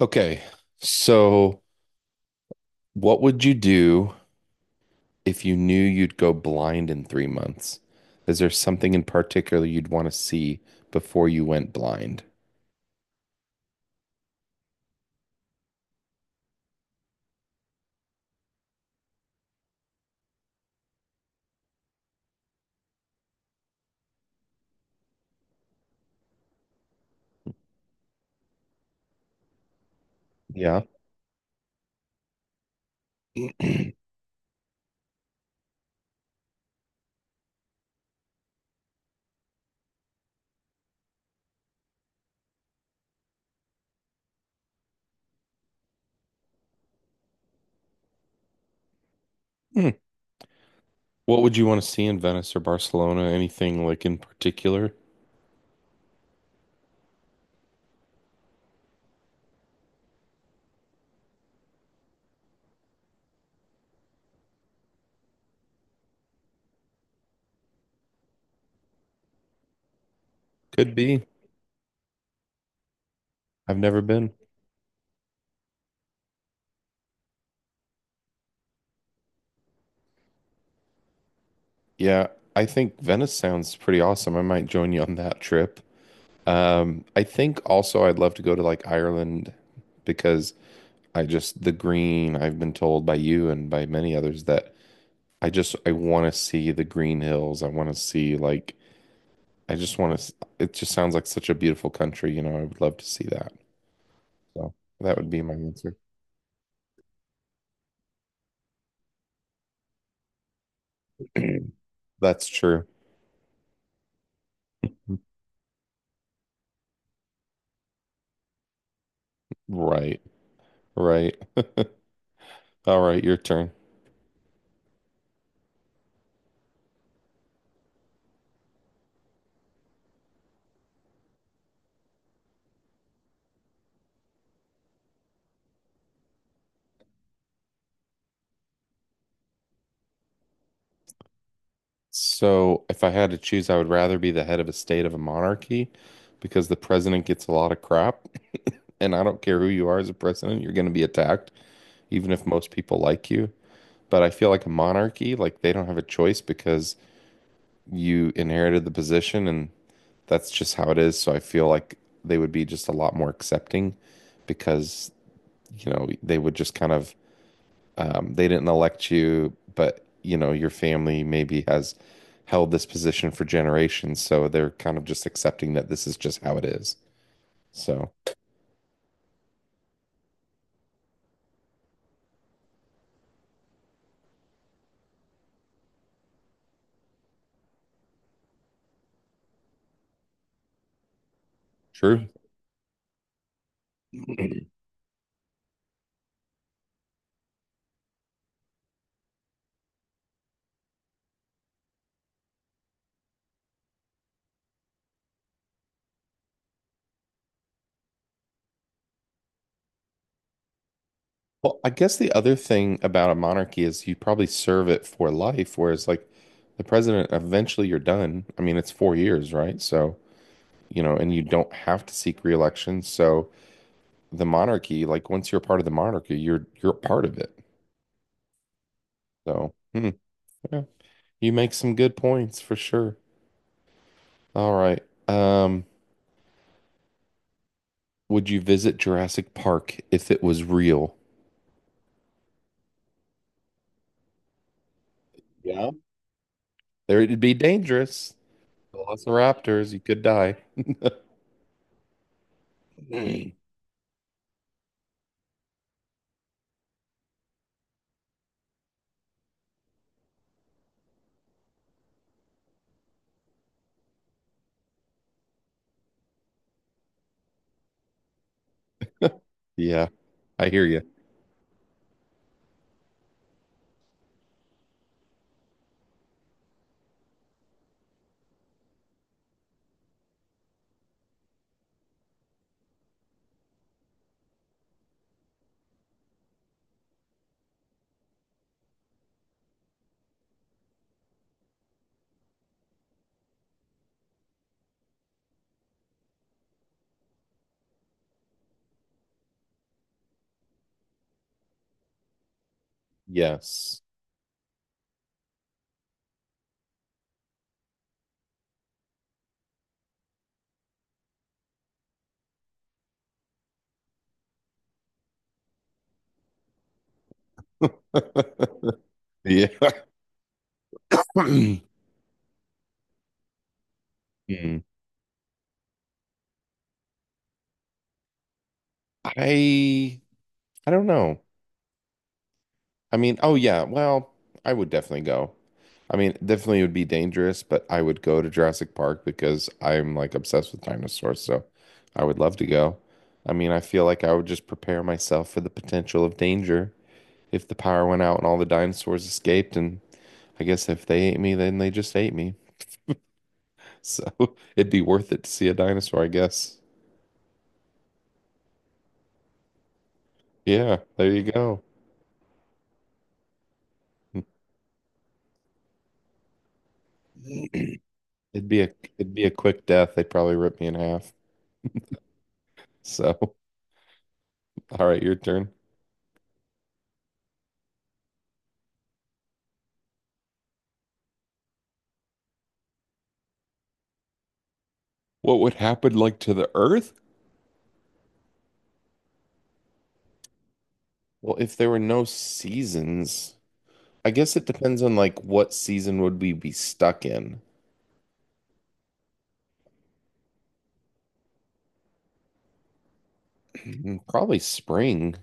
Okay, so what would you do if you knew you'd go blind in 3 months? Is there something in particular you'd want to see before you went blind? Yeah. Hmm. What would you want to see in Venice or Barcelona? Anything like in particular? Could be. I've never been. Yeah, I think Venice sounds pretty awesome. I might join you on that trip. I think also I'd love to go to like Ireland because I just the green, I've been told by you and by many others that I just I want to see the green hills. I want to see like I just want to. It just sounds like such a beautiful country. You know, I would love to see that. So that would be my answer. That's true. Right. Right. All right. Your turn. So if I had to choose, I would rather be the head of a state of a monarchy because the president gets a lot of crap, and I don't care who you are as a president, you're going to be attacked, even if most people like you. But I feel like a monarchy, like they don't have a choice because you inherited the position and that's just how it is. So I feel like they would be just a lot more accepting because, you know, they would just kind of, they didn't elect you, but, you know, your family maybe has held this position for generations. So they're kind of just accepting that this is just how it is. So true. Well, I guess the other thing about a monarchy is you probably serve it for life, whereas like the president, eventually you're done. I mean, it's 4 years, right? So, you know, and you don't have to seek reelection. So the monarchy, like once you're part of the monarchy, you're part of it. So, hmm, yeah, you make some good points for sure. All right. Would you visit Jurassic Park if it was real? Yeah. There it'd be dangerous. Velociraptors, you could die. Yeah, I hear you. Yes. Yeah. Hmm. I I don't know. I mean, oh yeah, well, I would definitely go. I mean, definitely it would be dangerous, but I would go to Jurassic Park because I'm like obsessed with dinosaurs, so I would love to go. I mean, I feel like I would just prepare myself for the potential of danger if the power went out and all the dinosaurs escaped, and I guess if they ate me, then they just ate me. So it'd be worth it to see a dinosaur, I guess. Yeah, there you go. It'd be a it'd be a quick death. They'd probably rip me in half. So, all right, your turn. What would happen like to the Earth? Well, if there were no seasons, I guess it depends on like what season would we be stuck in. Probably spring.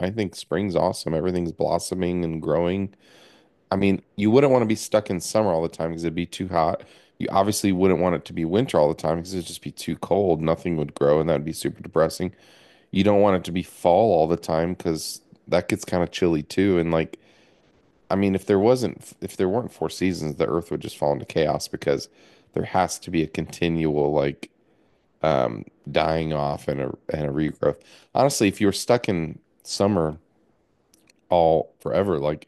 I think spring's awesome. Everything's blossoming and growing. I mean, you wouldn't want to be stuck in summer all the time because it'd be too hot. You obviously wouldn't want it to be winter all the time because it'd just be too cold. Nothing would grow, and that'd be super depressing. You don't want it to be fall all the time because that gets kind of chilly too. And like I mean, if there weren't four seasons, the Earth would just fall into chaos because there has to be a continual like um, dying off and a regrowth. Honestly, if you were stuck in summer all forever, like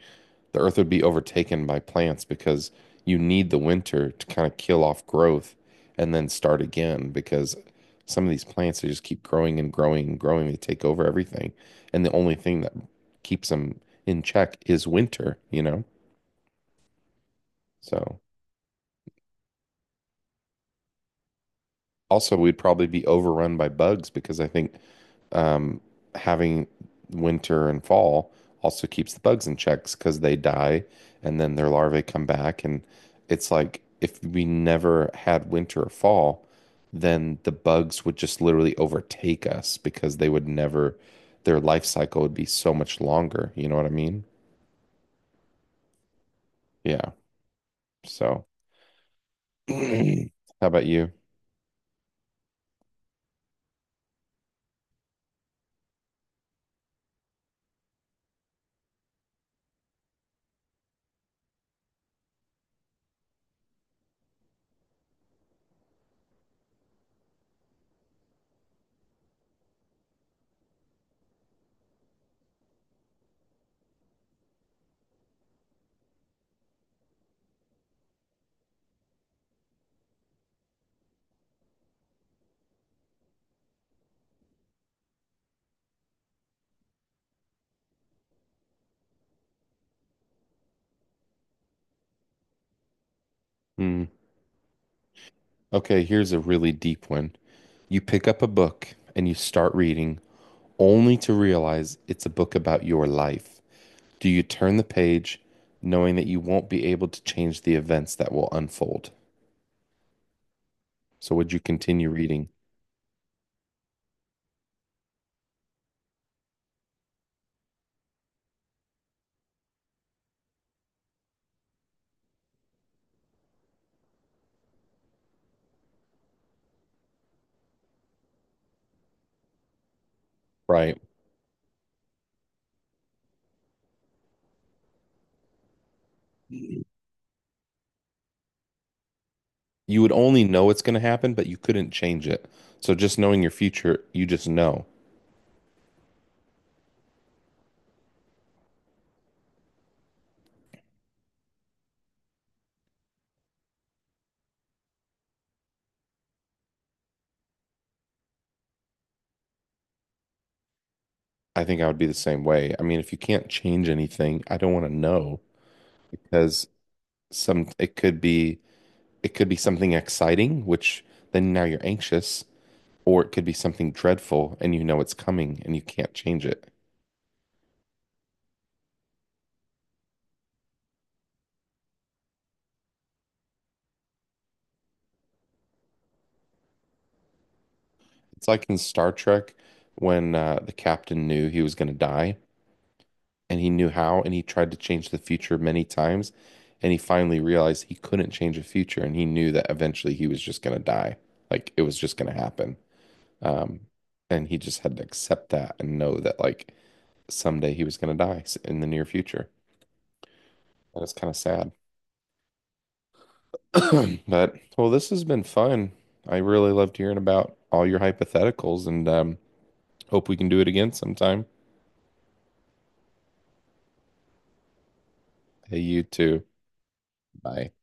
the Earth would be overtaken by plants because you need the winter to kind of kill off growth and then start again because some of these plants they just keep growing and growing and growing. They take over everything, and the only thing that keeps them in check is winter, you know? So. Also, we'd probably be overrun by bugs because I think um, having winter and fall also keeps the bugs in checks because they die and then their larvae come back. And it's like if we never had winter or fall, then the bugs would just literally overtake us because they would never, their life cycle would be so much longer. You know what I mean? Yeah. So, how about you? Hmm. Okay, here's a really deep one. You pick up a book and you start reading only to realize it's a book about your life? Do you turn the page knowing that you won't be able to change the events that will unfold? So would you continue reading? Right. You would only know it's going to happen, but you couldn't change it. So just knowing your future, you just know. I think I would be the same way. I mean, if you can't change anything, I don't want to know because some it could be something exciting, which then now you're anxious, or it could be something dreadful and you know it's coming and you can't change it. It's like in Star Trek when the captain knew he was going to die and he knew how and he tried to change the future many times and he finally realized he couldn't change the future and he knew that eventually he was just going to die. Like it was just going to happen. Um, and he just had to accept that and know that like someday he was going to die in the near future. And it's kind of sad. But well, this has been fun. I really loved hearing about all your hypotheticals and hope we can do it again sometime. Hey, you too. Bye.